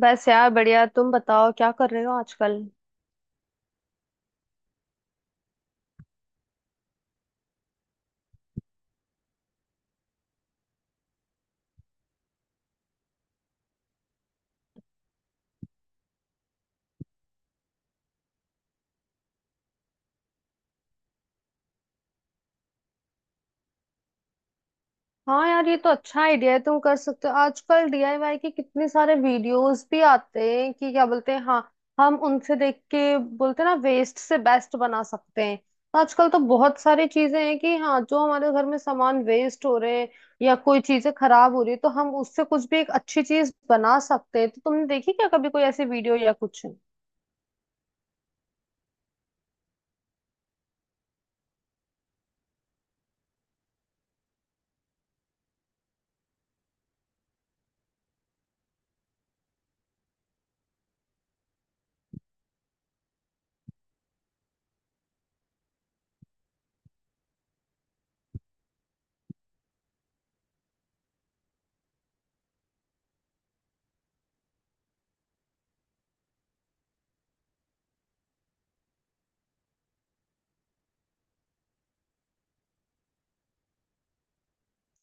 बस यार बढ़िया। तुम बताओ क्या कर रहे हो आजकल। हाँ यार, ये तो अच्छा आइडिया है। तुम कर सकते हो। आजकल डीआईवाई के कितने सारे वीडियोस भी आते हैं कि क्या बोलते हैं, हाँ। हम उनसे देख के बोलते हैं ना, वेस्ट से बेस्ट बना सकते हैं। आजकल तो बहुत सारी चीजें हैं कि हाँ, जो हमारे घर में सामान वेस्ट हो रहे हैं। या कोई चीजें खराब हो रही है, तो हम उससे कुछ भी एक अच्छी चीज बना सकते हैं। तो तुमने देखी क्या कभी कोई ऐसी वीडियो या कुछ।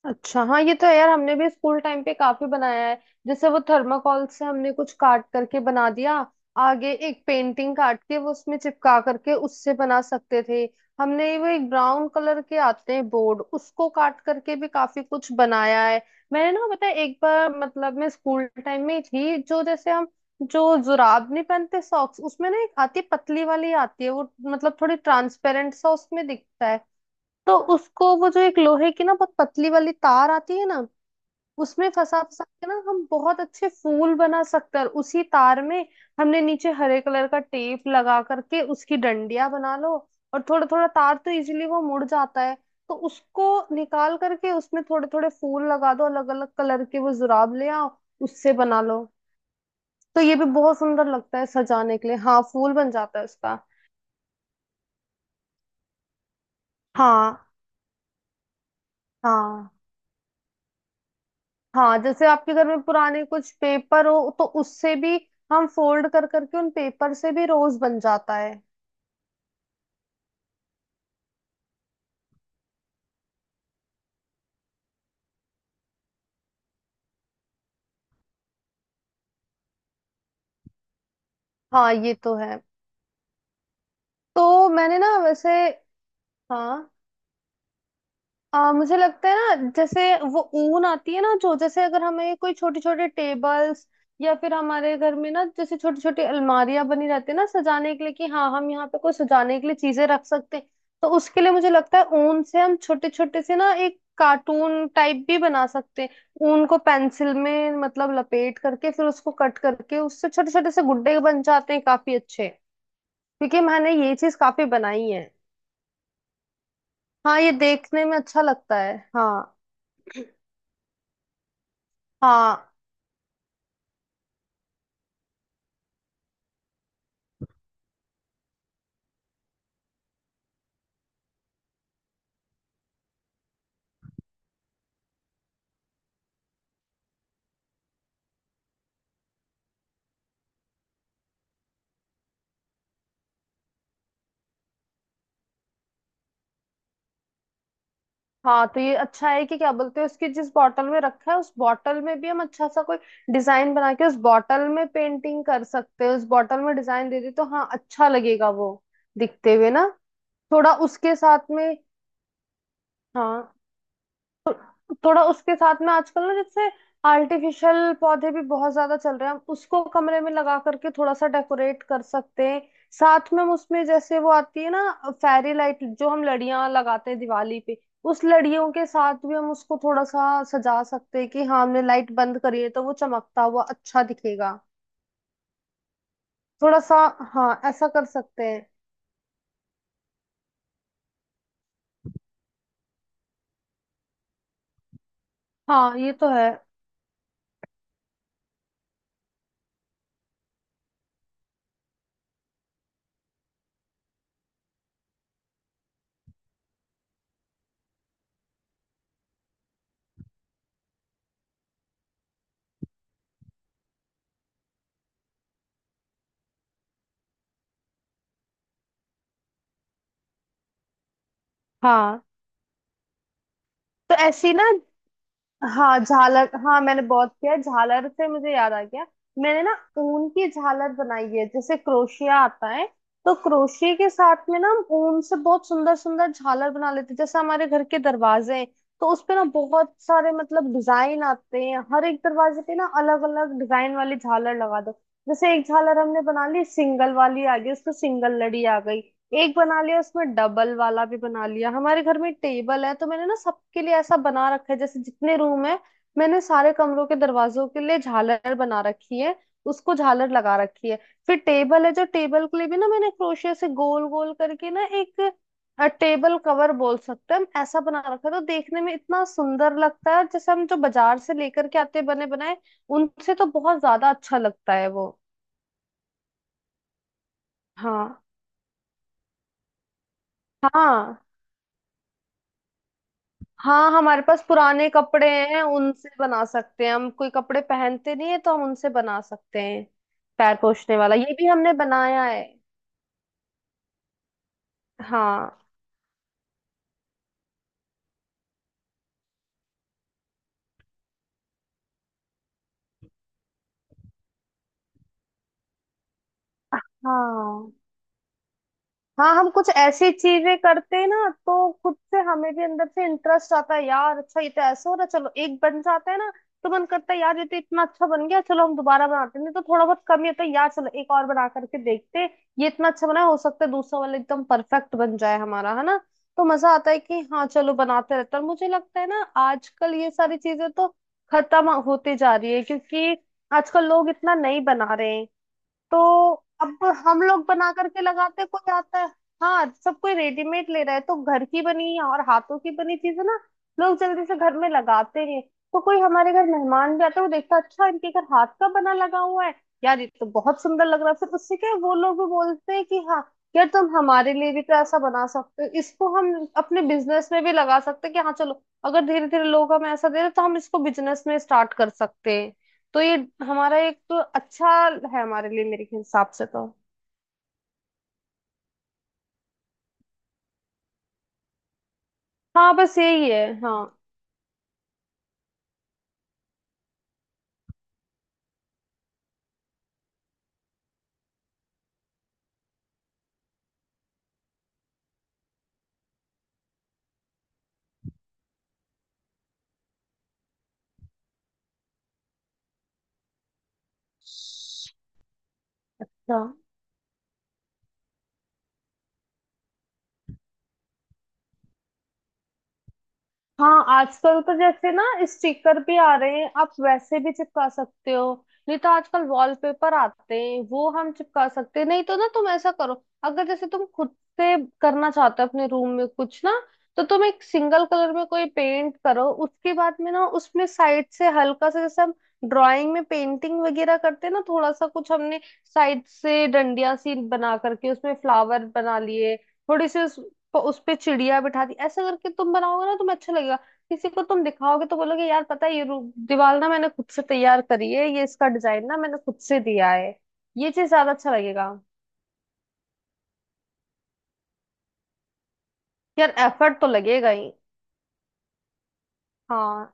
अच्छा। हाँ ये तो है यार, हमने भी स्कूल टाइम पे काफी बनाया है। जैसे वो थर्माकोल से हमने कुछ काट करके बना दिया। आगे एक पेंटिंग काट के वो उसमें चिपका करके उससे बना सकते थे। हमने वो एक ब्राउन कलर के आते हैं बोर्ड, उसको काट करके भी काफी कुछ बनाया है। मैंने ना, पता है, एक बार मतलब मैं स्कूल टाइम में ही थी। जो जैसे हम जो जुराब नहीं पहनते सॉक्स, उसमें ना एक आती है पतली वाली आती है, वो मतलब थोड़ी ट्रांसपेरेंट सा उसमें दिखता है। तो उसको, वो जो एक लोहे की ना बहुत पतली वाली तार आती है ना, उसमें फंसा फंसा के ना, हम बहुत अच्छे फूल बना सकते हैं। और उसी तार में हमने नीचे हरे कलर का टेप लगा करके उसकी डंडियां बना लो। और थोड़ा थोड़ा तार तो इजीली वो मुड़ जाता है। तो उसको निकाल करके उसमें थोड़े थोड़े फूल लगा दो अलग अलग कलर के, वो जुराब ले आओ। उससे बना लो। तो ये भी बहुत सुंदर लगता है सजाने के लिए। हाँ फूल बन जाता है उसका। हाँ, हाँ, हाँ, जैसे आपके घर में पुराने कुछ पेपर हो तो उससे भी हम फोल्ड कर करके उन पेपर से भी रोज बन जाता है। हाँ ये तो है। तो मैंने ना वैसे हाँ। मुझे लगता है ना, जैसे वो ऊन आती है ना, जो जैसे अगर हमें कोई छोटे छोटे टेबल्स या फिर हमारे घर में ना, जैसे छोटी छोटी अलमारियां बनी रहती है ना सजाने के लिए कि हाँ हम यहाँ पे कोई सजाने के लिए चीजें रख सकते हैं। तो उसके लिए मुझे लगता है ऊन से हम छोटे छोटे से ना एक कार्टून टाइप भी बना सकते हैं। ऊन को पेंसिल में मतलब लपेट करके फिर उसको कट करके उससे छोटे छोटे से गुड्डे बन जाते हैं काफी अच्छे। क्योंकि मैंने ये चीज काफी बनाई है। हाँ ये देखने में अच्छा लगता है। हाँ। हाँ, हाँ, तो ये अच्छा है कि क्या बोलते हैं, उसकी जिस बॉटल में रखा है उस बॉटल में भी हम अच्छा सा कोई डिजाइन बना के उस बॉटल में पेंटिंग कर सकते हैं। उस बॉटल में डिजाइन दे दे तो हाँ, अच्छा लगेगा वो दिखते हुए ना। थोड़ा उसके साथ में। हाँ। थोड़ा उसके साथ में आजकल ना, जैसे आर्टिफिशियल पौधे भी बहुत ज्यादा चल रहे हैं। हम उसको कमरे में लगा करके थोड़ा सा डेकोरेट कर सकते हैं। साथ में हम उसमें जैसे वो आती है ना, फेरी लाइट जो हम लड़ियां लगाते हैं दिवाली पे, उस लड़ियों के साथ भी हम उसको थोड़ा सा सजा सकते हैं कि हाँ, हमने लाइट बंद करी है तो वो चमकता हुआ अच्छा दिखेगा। थोड़ा सा। हाँ, ऐसा कर सकते हैं। हाँ ये तो है। हाँ, तो ऐसी ना। हाँ झालर। हाँ, मैंने बहुत किया है। झालर से मुझे याद आ गया। मैंने ना ऊन की झालर बनाई है। जैसे क्रोशिया आता है। तो क्रोशिया के साथ में ना, हम ऊन से बहुत सुंदर सुंदर झालर बना लेते हैं। जैसे हमारे घर के दरवाजे हैं, तो उस पे ना बहुत सारे मतलब डिजाइन आते हैं। हर एक दरवाजे पे ना अलग अलग डिजाइन वाली झालर लगा दो। जैसे एक झालर हमने बना ली सिंगल वाली आ गई, उसको सिंगल लड़ी आ गई। एक बना लिया, उसमें डबल वाला भी बना लिया। हमारे घर में टेबल है तो मैंने ना सबके लिए ऐसा बना रखा है, जैसे जितने रूम है मैंने सारे कमरों के दरवाजों के लिए झालर बना रखी है। उसको झालर लगा रखी है। फिर टेबल है, जो टेबल के लिए भी ना मैंने क्रोशिया से गोल गोल करके ना एक टेबल कवर बोल सकते हैं हम। ऐसा बना रखा है तो देखने में इतना सुंदर लगता है। और जैसे हम जो बाजार से लेकर के आते हैं बने बनाए, उनसे तो बहुत ज्यादा अच्छा लगता है वो। हाँ, हाँ, हाँ, हमारे पास पुराने कपड़े हैं, उनसे बना सकते हैं। हम कोई कपड़े पहनते नहीं है तो हम उनसे बना सकते हैं। पैर पोछने वाला ये भी हमने बनाया है। हाँ। हाँ, हाँ, हम कुछ ऐसी चीजें करते हैं ना तो खुद से हमें भी अंदर से इंटरेस्ट आता है। यार अच्छा, ये तो ऐसा हो रहा है, चलो एक बन जाता है ना। तो मन करता है यार, ये तो इतना अच्छा बन गया, चलो हम दोबारा बनाते हैं। नहीं तो थोड़ा बहुत कमी होता है यार, चलो एक और बना करके देखते हैं। ये इतना अच्छा बना है, हो सकता है दूसरा वाला एकदम परफेक्ट बन जाए हमारा, है ना। तो मजा आता है कि हाँ, चलो बनाते रहते हैं। और मुझे लगता है ना आजकल ये सारी चीजें तो खत्म होती जा रही है, क्योंकि आजकल लोग इतना नहीं बना रहे हैं। तो अब हम लोग बना करके लगाते, कोई आता है। हाँ, सब कोई रेडीमेड ले रहा है तो घर की बनी और हाथों की बनी चीजें ना लोग जल्दी से घर में लगाते हैं। तो कोई हमारे घर मेहमान भी आता है वो देखता है, अच्छा इनके घर हाथ का बना लगा हुआ है। यार ये तो बहुत सुंदर लग रहा है। फिर उससे क्या है, वो लोग भी बोलते हैं कि हाँ, यार तुम हमारे लिए भी तो ऐसा बना सकते हो। इसको हम अपने बिजनेस में भी लगा सकते हैं कि हाँ चलो, अगर धीरे धीरे लोग हमें ऐसा दे रहे हैं, तो हम इसको बिजनेस में स्टार्ट कर सकते हैं। तो ये हमारा एक तो अच्छा है हमारे लिए, मेरे हिसाब से तो। हाँ बस यही है हाँ। अच्छा। हाँ, आजकल तो जैसे ना स्टिकर भी आ रहे हैं, आप वैसे भी चिपका सकते हो। नहीं तो आजकल वॉलपेपर आते हैं, वो हम चिपका सकते हैं। नहीं तो ना तुम ऐसा करो, अगर जैसे तुम खुद से करना चाहते हो अपने रूम में कुछ ना, तो तुम एक सिंगल कलर में कोई पेंट करो, उसके बाद में ना उसमें साइड से हल्का सा जैसे हम ड्राइंग में पेंटिंग वगैरह करते हैं ना, थोड़ा सा कुछ हमने साइड से डंडिया सी बना करके उसमें फ्लावर बना लिए। थोड़ी सी उस तो उस पे चिड़िया बिठा दी। ऐसा करके तुम बनाओगे ना तुम्हें अच्छा लगेगा। किसी को तुम दिखाओगे तो बोलोगे यार पता है ये दीवार ना मैंने खुद से तैयार करी है। ये इसका डिजाइन ना मैंने खुद से दिया है। ये चीज ज्यादा अच्छा लगेगा। यार एफर्ट तो लगेगा ही। हाँ।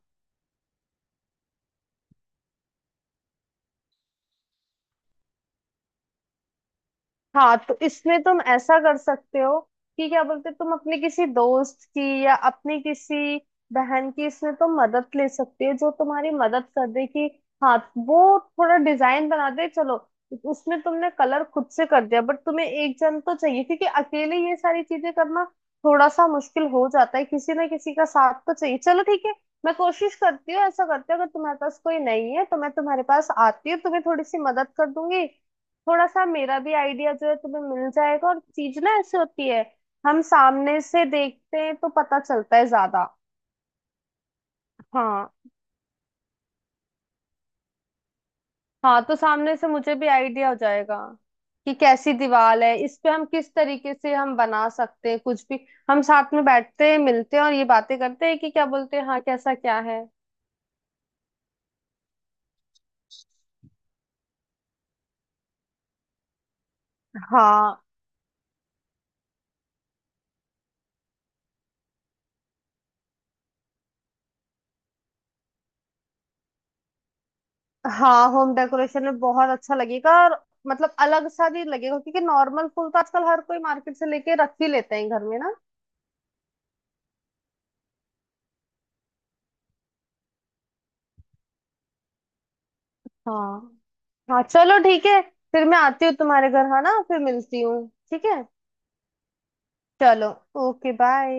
हाँ, तो इसमें तुम ऐसा कर सकते हो कि क्या बोलते हैं, तुम अपने किसी दोस्त की या अपनी किसी बहन की इसमें तुम मदद ले सकती हो जो तुम्हारी मदद कर दे कि हाँ, वो थोड़ा डिजाइन बना दे, चलो। उसमें तुमने कलर खुद से कर दिया बट तुम्हें एक जन तो चाहिए, क्योंकि अकेले ये सारी चीजें करना थोड़ा सा मुश्किल हो जाता है, किसी ना किसी का साथ तो चाहिए। चलो ठीक है। मैं कोशिश करती हूँ, ऐसा करती हूँ, अगर तुम्हारे पास कोई नहीं है तो मैं तुम्हारे पास आती हूँ, तुम्हें थोड़ी सी मदद कर दूंगी। थोड़ा सा मेरा भी आइडिया जो है तुम्हें मिल जाएगा, और चीज ना ऐसी होती है। हम सामने से देखते हैं तो पता चलता है ज्यादा। हाँ। हाँ, तो सामने से मुझे भी आइडिया हो जाएगा कि कैसी दीवार है, इस पे हम किस तरीके से हम बना सकते हैं कुछ भी। हम साथ में बैठते हैं, मिलते हैं और ये बातें करते हैं कि क्या बोलते हैं, हाँ कैसा क्या है। हाँ। हाँ, होम डेकोरेशन में बहुत अच्छा लगेगा और मतलब अलग सा भी लगेगा, क्योंकि नॉर्मल फूल तो आजकल हर कोई मार्केट से लेके रख ही लेते हैं घर में ना। हाँ। हाँ चलो ठीक है। फिर मैं आती हूँ तुम्हारे घर, है ना, फिर मिलती हूँ ठीक है। चलो। Okay bye.